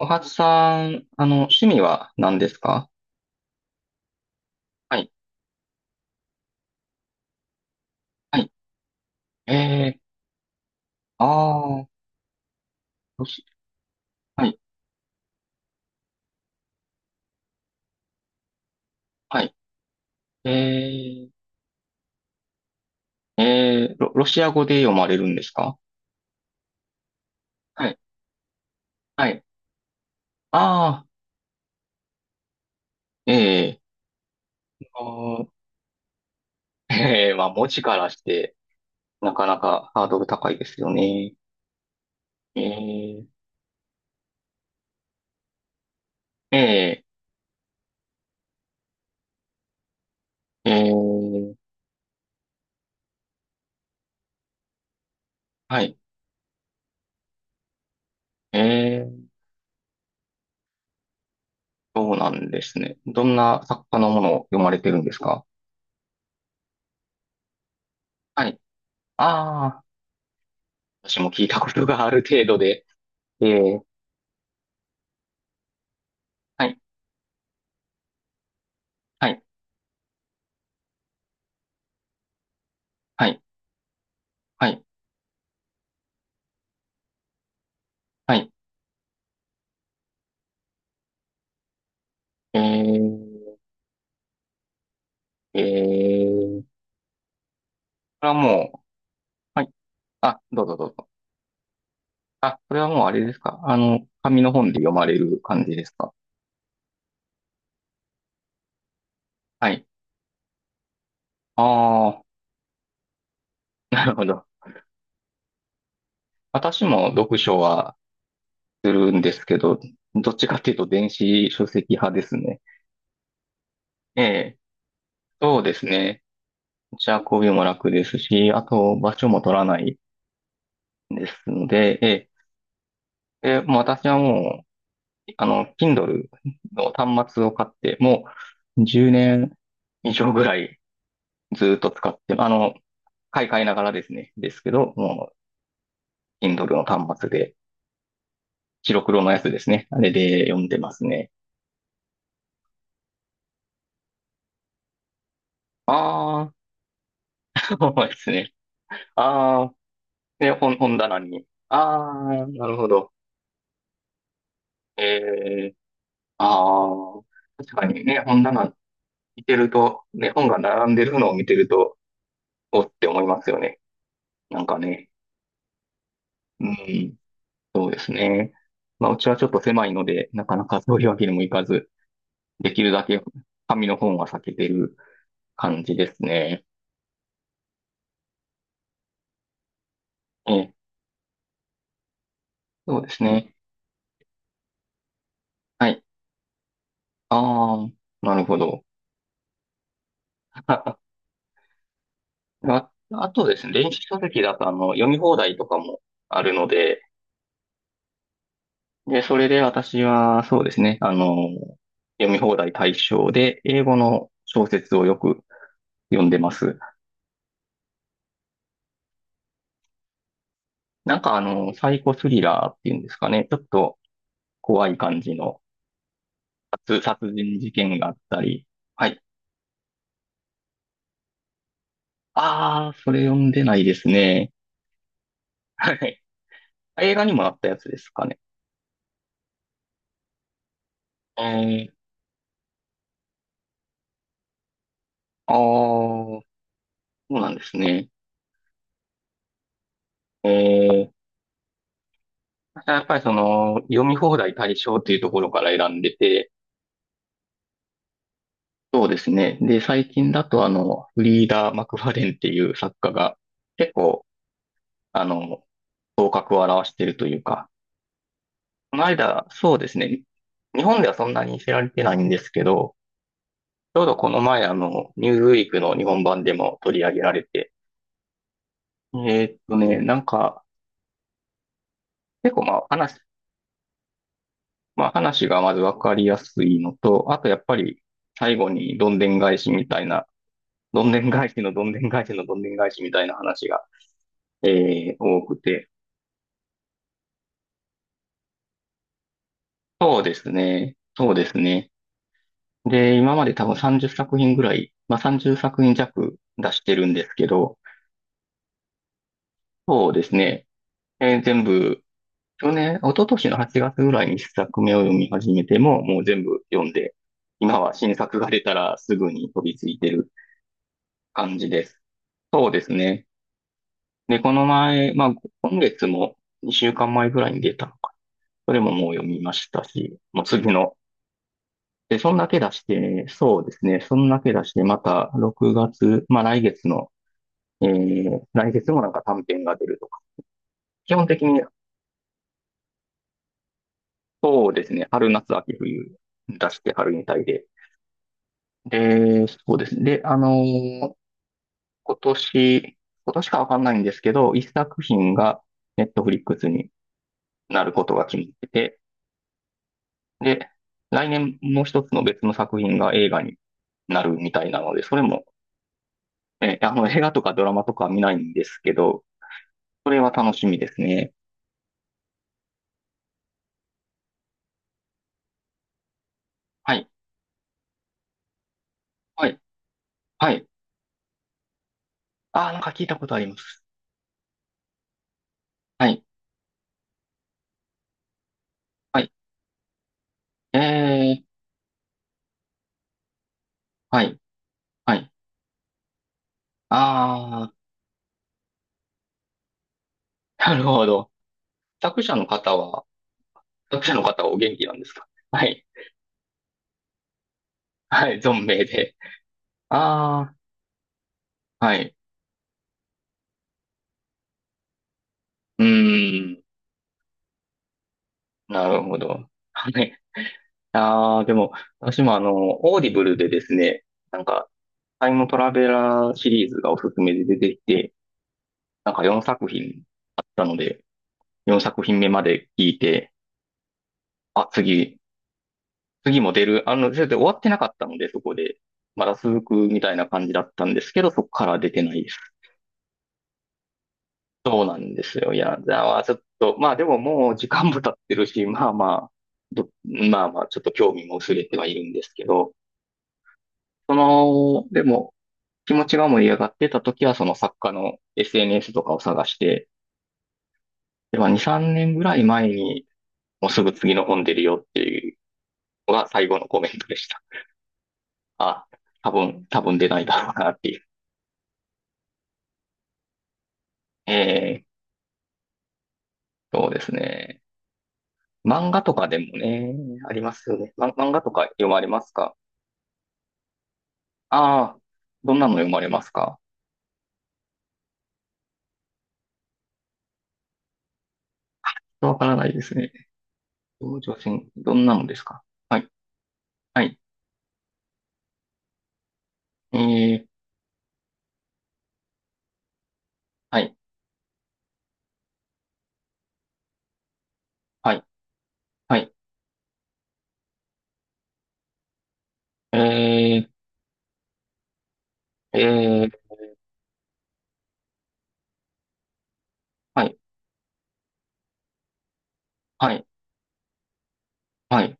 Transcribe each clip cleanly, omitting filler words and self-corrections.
おはつさん、趣味は何ですか？はい、はい。えー、あー、ロシ、はい、はい。えロシア語で読まれるんですか？はい、はい。あー、えー、あーまあ、文字からして、なかなかハードル高いですよね。えー、えー、えー、はい、えー、そうなんですね。どんな作家のものを読まれてるんですか？はい。ああ、私も聞いたことがある程度で、えー、はい、はい、はい、はい、はい。えー、これはもう、はい。あ、どうぞどうぞ。あ、これはもうあれですか。紙の本で読まれる感じですか。はい。ああ、なるほど。私も読書はするんですけど、どっちかっていうと電子書籍派ですね。ええ、そうですね。持ち運びも楽ですし、あと場所も取らないですので、ええ、で、もう私はKindle の端末を買って、もう10年以上ぐらいずっと使って、買い替えながらですね、ですけど、もう Kindle の端末で、白黒のやつですね。あれで読んでますね。ああ、そうですね。ああ、ね、本棚に。ああ、なるほど。ええ、ああ、確かにね、本棚見てると、ね、本が並んでるのを見てると、おって思いますよね。なんかね。うん。そうですね。まあ、うちはちょっと狭いので、なかなかそういうわけにもいかず、できるだけ紙の本は避けてる感じですね。ええ、そうですね。はい。ああ、なるほど。あ、あとですね、電子書籍だと、読み放題とかもあるので、で、それで私は、そうですね、読み放題対象で、英語の小説をよく読んでます。なんか、サイコスリラーっていうんですかね、ちょっと怖い感じの、殺人事件があったり。はい。ああ、それ読んでないですね。はい。映画にもなったやつですかね。えー、ああ、そうなんですね。えー、やっぱりその、読み放題対象っていうところから選んでて、そうですね。で、最近だとフリーダ・マクファレンっていう作家が、結構、あの、頭角を現してるというか、この間、そうですね。日本ではそんなに知られてないんですけど、ちょうどこの前、ニューズウィークの日本版でも取り上げられて、なんか、結構まあ話、まあ話がまずわかりやすいのと、あとやっぱり最後にどんでん返しみたいな、どんでん返しのどんでん返しのどんでん返しみたいな話が、多くて、そうですね、そうですね。で、今まで多分30作品ぐらい、まあ30作品弱出してるんですけど、そうですね、全部去年、一昨年の8月ぐらいに一作目を読み始めても、もう全部読んで、今は新作が出たらすぐに飛びついてる感じです。そうですね。で、この前、まあ、今月も2週間前ぐらいに出たのか。それももう読みましたし、もう次の。で、そんだけ出して、そうですね。そんだけ出して、また6月、まあ来月の、来月もなんか短編が出るとか。基本的に、そうですね。春、夏、秋、冬出して、春に対でで、そうですね。で、ー今年、今年かわかんないんですけど、一作品がネットフリックスになることが決まってて、で、来年もう一つの別の作品が映画になるみたいなので、それも、映画とかドラマとかは見ないんですけど、それは楽しみですね。はい、はい、はい。ああ、なんか聞いたことあります。はい、はい。えー、はい、はい。ああ、なるほど。作者の方は、作者の方はお元気なんですか？はい。はい、存命で。ああ、はい。うーん、なるほど。はい。ああ、でも、私もオーディブルでですね、なんか、タイムトラベラーシリーズがおすすめで出てきて、なんか4作品あったので、4作品目まで聞いて、あ、次も出る。それで終わってなかったので、そこで。まだ続くみたいな感じだったんですけど、そこから出てないです。そうなんですよ。いや、じゃあ、ちょっと、まあでももう時間も経ってるし、まあまあ、まあまあ、ちょっと興味も薄れてはいるんですけど、その、でも、気持ちが盛り上がってた時は、その作家の SNS とかを探して、で、まあ2、3年ぐらい前に、もうすぐ次の本出るよっていうのが最後のコメントでした。あ、多分出ないだろうなっていう。えそうですね。漫画とかでもね、ありますよね。漫画とか読まれますか？ああ、どんなの読まれますか？わからないですね。甲状腺、どんなのですか？はい、はい、えー、はい、はい、はい、えー、えー、はい、はい、はい、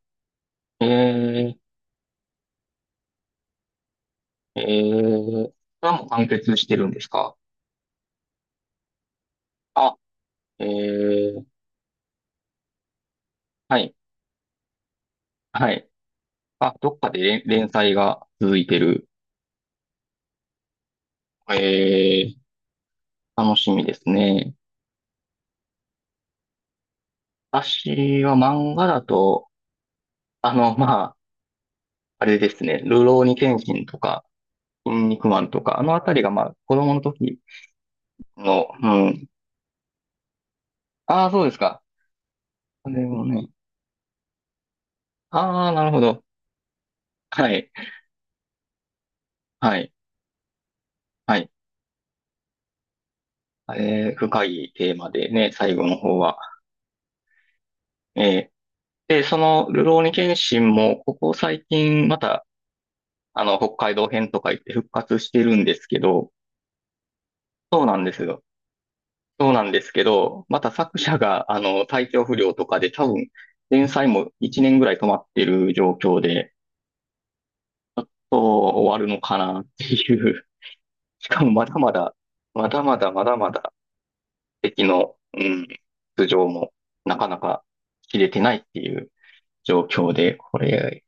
えー、これはもう完結してるんですか？あ、えー、はい、はい。あ、どっかで連載が続いてる。え楽しみですね。私は漫画だと、まあ、あれですね、流浪に剣心とか、肉マンとか、あのあたりがまあ子供の時の、うん。ああ、そうですか。これもね。ああ、なるほど。はい。はい。はい。深いテーマでね、最後の方は。えー、で、その、るろうに剣心も、ここ最近、また、北海道編とか言って復活してるんですけど、そうなんですよ。そうなんですけど、また作者が、体調不良とかで多分、連載も1年ぐらい止まってる状況で、そう終わるのかなっていうしかもまだまだ、まだまだまだまだ敵の、うん、頭上もなかなか切れてないっていう状況で、これ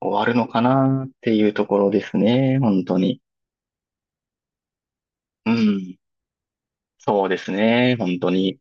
終わるのかなっていうところですね、本当に。うん、そうですね、本当に。